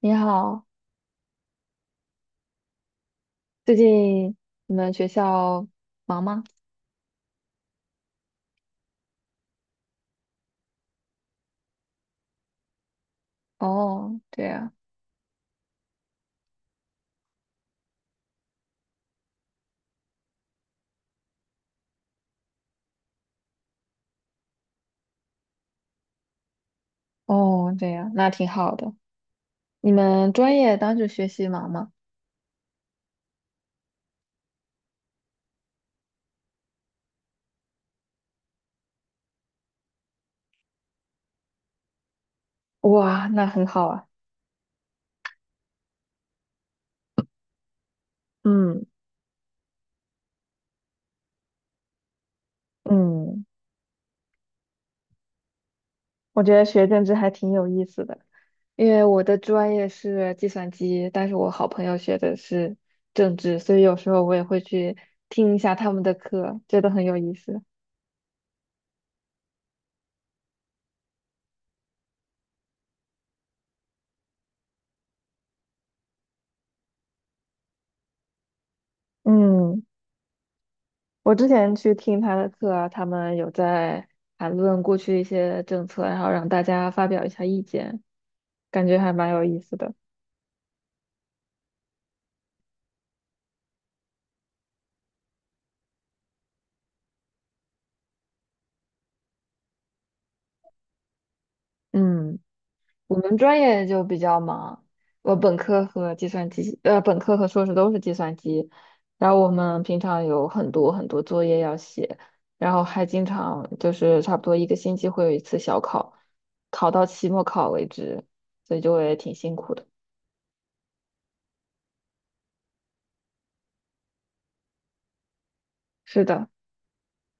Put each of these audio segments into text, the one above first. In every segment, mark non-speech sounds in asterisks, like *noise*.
你好，最近你们学校忙吗？哦，对呀，哦，对呀，那挺好的。你们专业当时学习忙吗？哇，那很好啊。嗯嗯，我觉得学政治还挺有意思的，因为我的专业是计算机，但是我好朋友学的是政治，所以有时候我也会去听一下他们的课，觉得很有意思。嗯。我之前去听他的课啊，他们有在谈论过去一些政策，然后让大家发表一下意见，感觉还蛮有意思的。嗯，我们专业就比较忙，我本科和计算机，呃，本科和硕士都是计算机，然后我们平常有很多很多作业要写，然后还经常就是差不多一个星期会有一次小考，考到期末考为止，所以就会挺辛苦的。是的。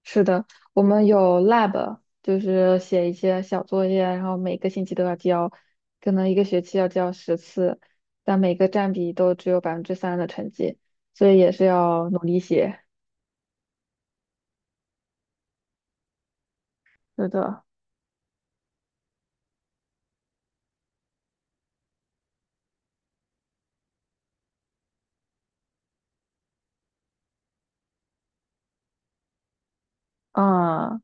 是的，我们有 lab，就是写一些小作业，然后每个星期都要交，可能一个学期要交10次，但每个占比都只有3%的成绩，所以也是要努力写。是的，啊，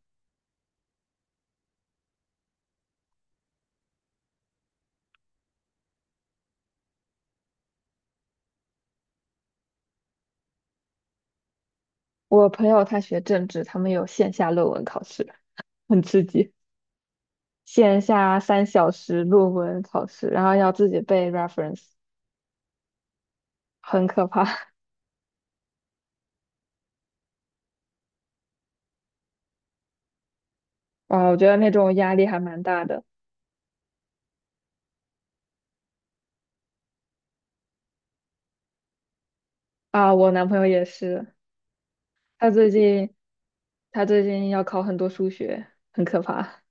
我朋友他学政治，他们有线下论文考试，很刺激，线下三小时论文考试，然后要自己背 reference，很可怕。*laughs* 啊，我觉得那种压力还蛮大的。啊，我男朋友也是。他最近他最近要考很多数学，很可怕。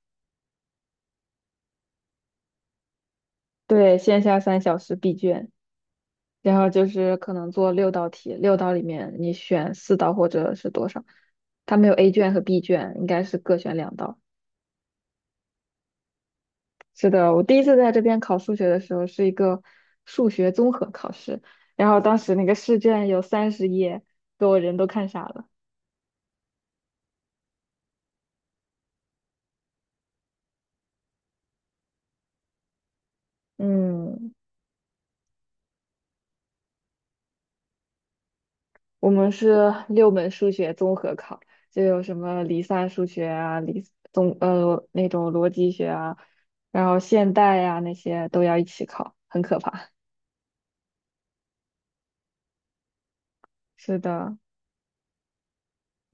*laughs* 对，线下3小时闭卷，然后就是可能做6道题，六道里面你选4道或者是多少。他没有 A 卷和 B 卷，应该是各选2道。是的，我第一次在这边考数学的时候是一个数学综合考试，然后当时那个试卷有30页，给我人都看傻了。嗯。我们是 *laughs* 6门数学综合考，就有什么离散数学啊、那种逻辑学啊，然后现代呀、那些都要一起考，很可怕。*laughs* 是的，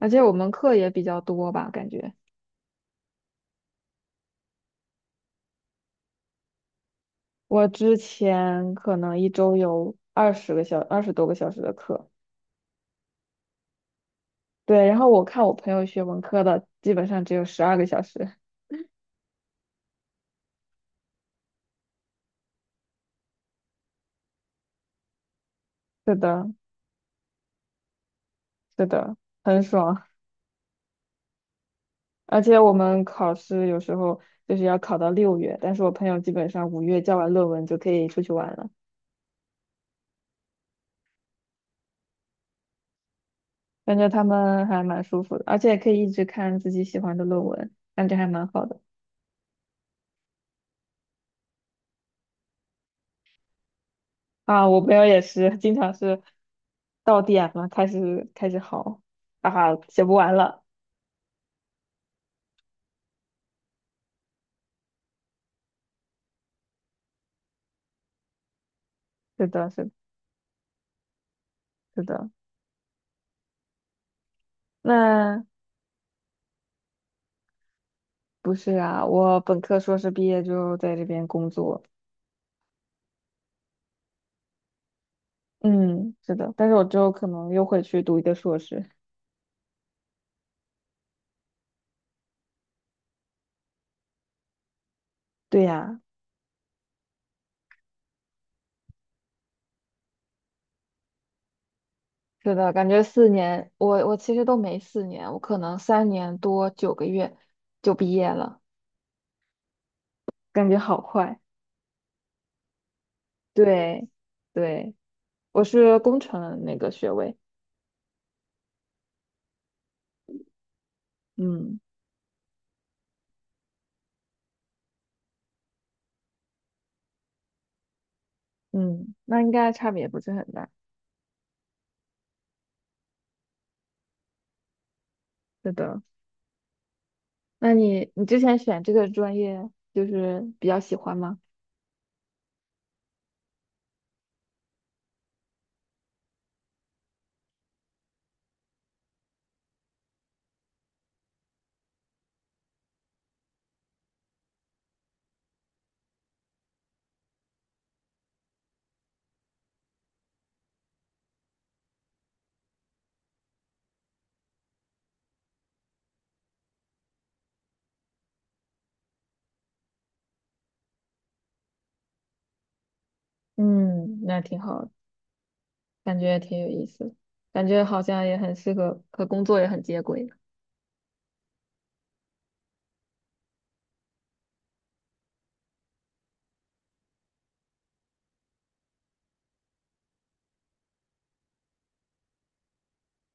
而且我们课也比较多吧，感觉我之前可能一周有20多个小时的课，对，然后我看我朋友学文科的，基本上只有12个小时。*laughs* 是的，是的，很爽。而且我们考试有时候就是要考到六月，但是我朋友基本上五月交完论文就可以出去玩了，感觉他们还蛮舒服的，而且可以一直看自己喜欢的论文，感觉还蛮好的。啊，我朋友也是，经常是到点了开始嚎，啊，哈，写不完了。是的，是的是的。那不是啊，我本科、硕士毕业就在这边工作。嗯，是的，但是我之后可能又会去读一个硕士。对呀。是的，感觉四年，我其实都没四年，我可能3年多9个月就毕业了，感觉好快。对，对，我是工程那个学位，嗯嗯，那应该差别不是很大。是的，那你之前选这个专业就是比较喜欢吗？嗯，那挺好的。感觉挺有意思的。感觉好像也很适合和工作也很接轨。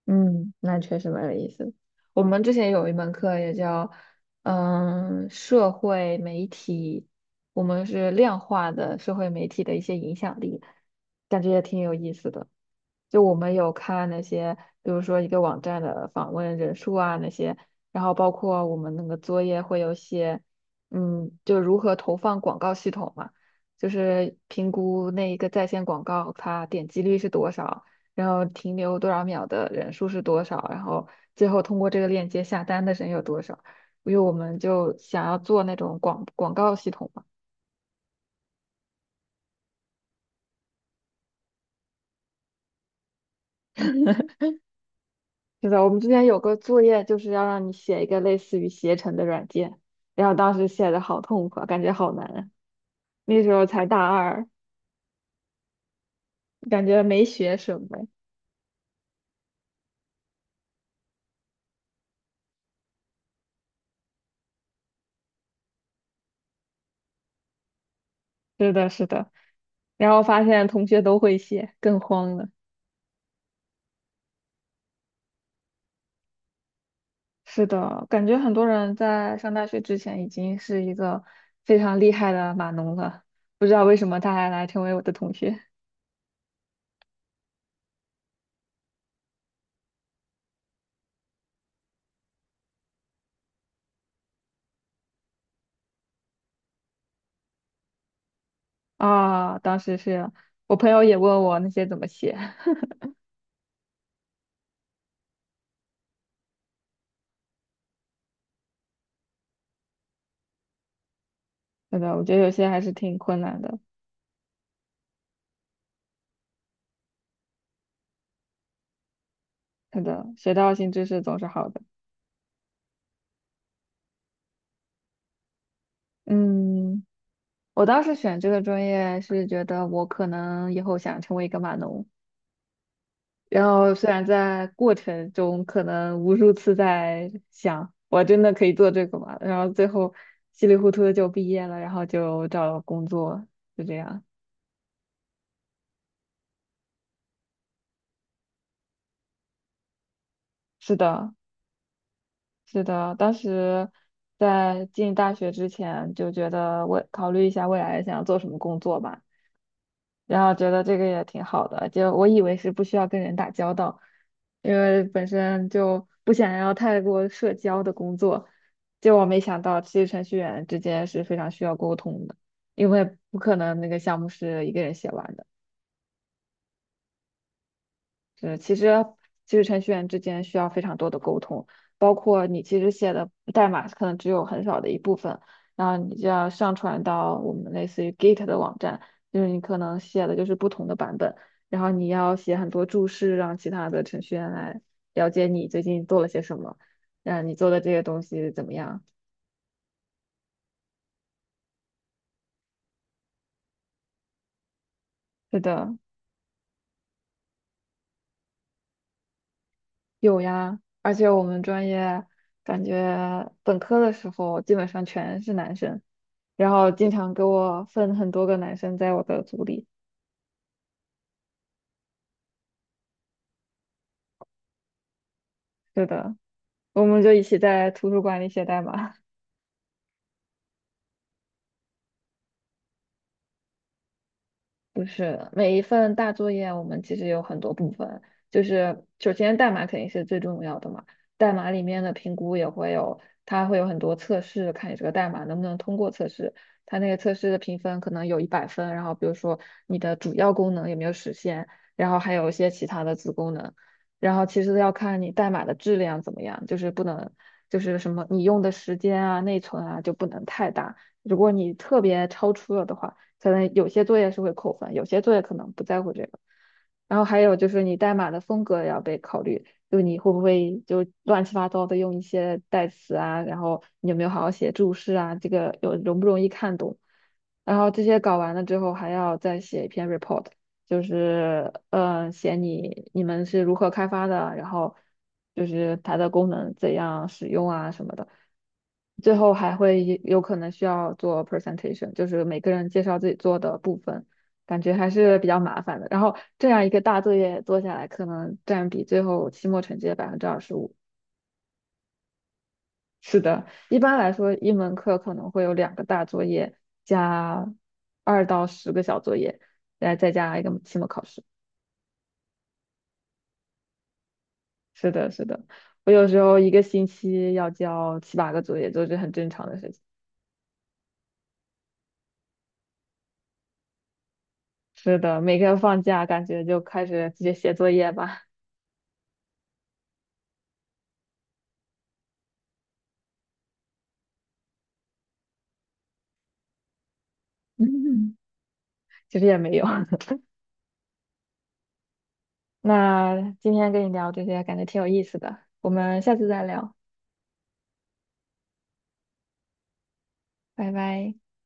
嗯，那确实蛮有意思的。我们之前有一门课也叫，嗯，社会媒体，我们是量化的社会媒体的一些影响力，感觉也挺有意思的。就我们有看那些，比如说一个网站的访问人数啊那些，然后包括我们那个作业会有写，嗯，就如何投放广告系统嘛，就是评估那一个在线广告它点击率是多少。然后停留多少秒的人数是多少，然后最后通过这个链接下单的人有多少。因为我们就想要做那种广告系统嘛，是的，我们之前有个作业就是要让你写一个类似于携程的软件，然后当时写的好痛苦啊，感觉好难啊，那时候才大二，感觉没学什么。是的，是的，然后发现同学都会写，更慌了。是的，感觉很多人在上大学之前已经是一个非常厉害的码农了，不知道为什么他还来成为我的同学啊！当时是我朋友也问我那些怎么写，*laughs* 是的，我觉得有些还是挺困难的。是的，学到新知识总是好的。嗯，我当时选这个专业是觉得我可能以后想成为一个码农。然后虽然在过程中可能无数次在想，我真的可以做这个吗？然后最后稀里糊涂的就毕业了，然后就找了工作，就这样。是的，是的，当时在进大学之前就觉得我考虑一下未来想要做什么工作吧。然后觉得这个也挺好的，就我以为是不需要跟人打交道，因为本身就不想要太过社交的工作，结果没想到其实程序员之间是非常需要沟通的，因为不可能那个项目是一个人写完的。对，其实程序员之间需要非常多的沟通，包括你其实写的代码可能只有很少的一部分，然后你就要上传到我们类似于 Git 的网站，就是你可能写的就是不同的版本，然后你要写很多注释，让其他的程序员来了解你最近做了些什么，让你做的这些东西怎么样。是的，有呀，而且我们专业感觉本科的时候基本上全是男生。然后经常给我分很多个男生在我的组里。是的，我们就一起在图书馆里写代码。不是，每一份大作业我们其实有很多部分，就是首先代码肯定是最重要的嘛，代码里面的评估也会有，它会有很多测试，看你这个代码能不能通过测试。它那个测试的评分可能有100分，然后比如说你的主要功能有没有实现，然后还有一些其他的子功能，然后其实要看你代码的质量怎么样，就是不能就是什么你用的时间啊、内存啊就不能太大，如果你特别超出了的话。可能有些作业是会扣分，有些作业可能不在乎这个。然后还有就是你代码的风格也要被考虑，就你会不会就乱七八糟的用一些代词啊，然后你有没有好好写注释啊，这个有容不容易看懂。然后这些搞完了之后，还要再写一篇 report，就是写你们是如何开发的，然后就是它的功能怎样使用啊什么的。最后还会也有可能需要做 presentation，就是每个人介绍自己做的部分，感觉还是比较麻烦的。然后这样一个大作业做下来，可能占比最后期末成绩的25%。是的，一般来说，一门课可能会有2个大作业加2到10个小作业，再加一个期末考试。是的，是的，我有时候一个星期要交七八个作业，都是很正常的事情。是的，每个放假感觉就开始直接写作业吧。*laughs* 嗯，其实也没有。*laughs* 那今天跟你聊这些，感觉挺有意思的。我们下次再聊，拜拜。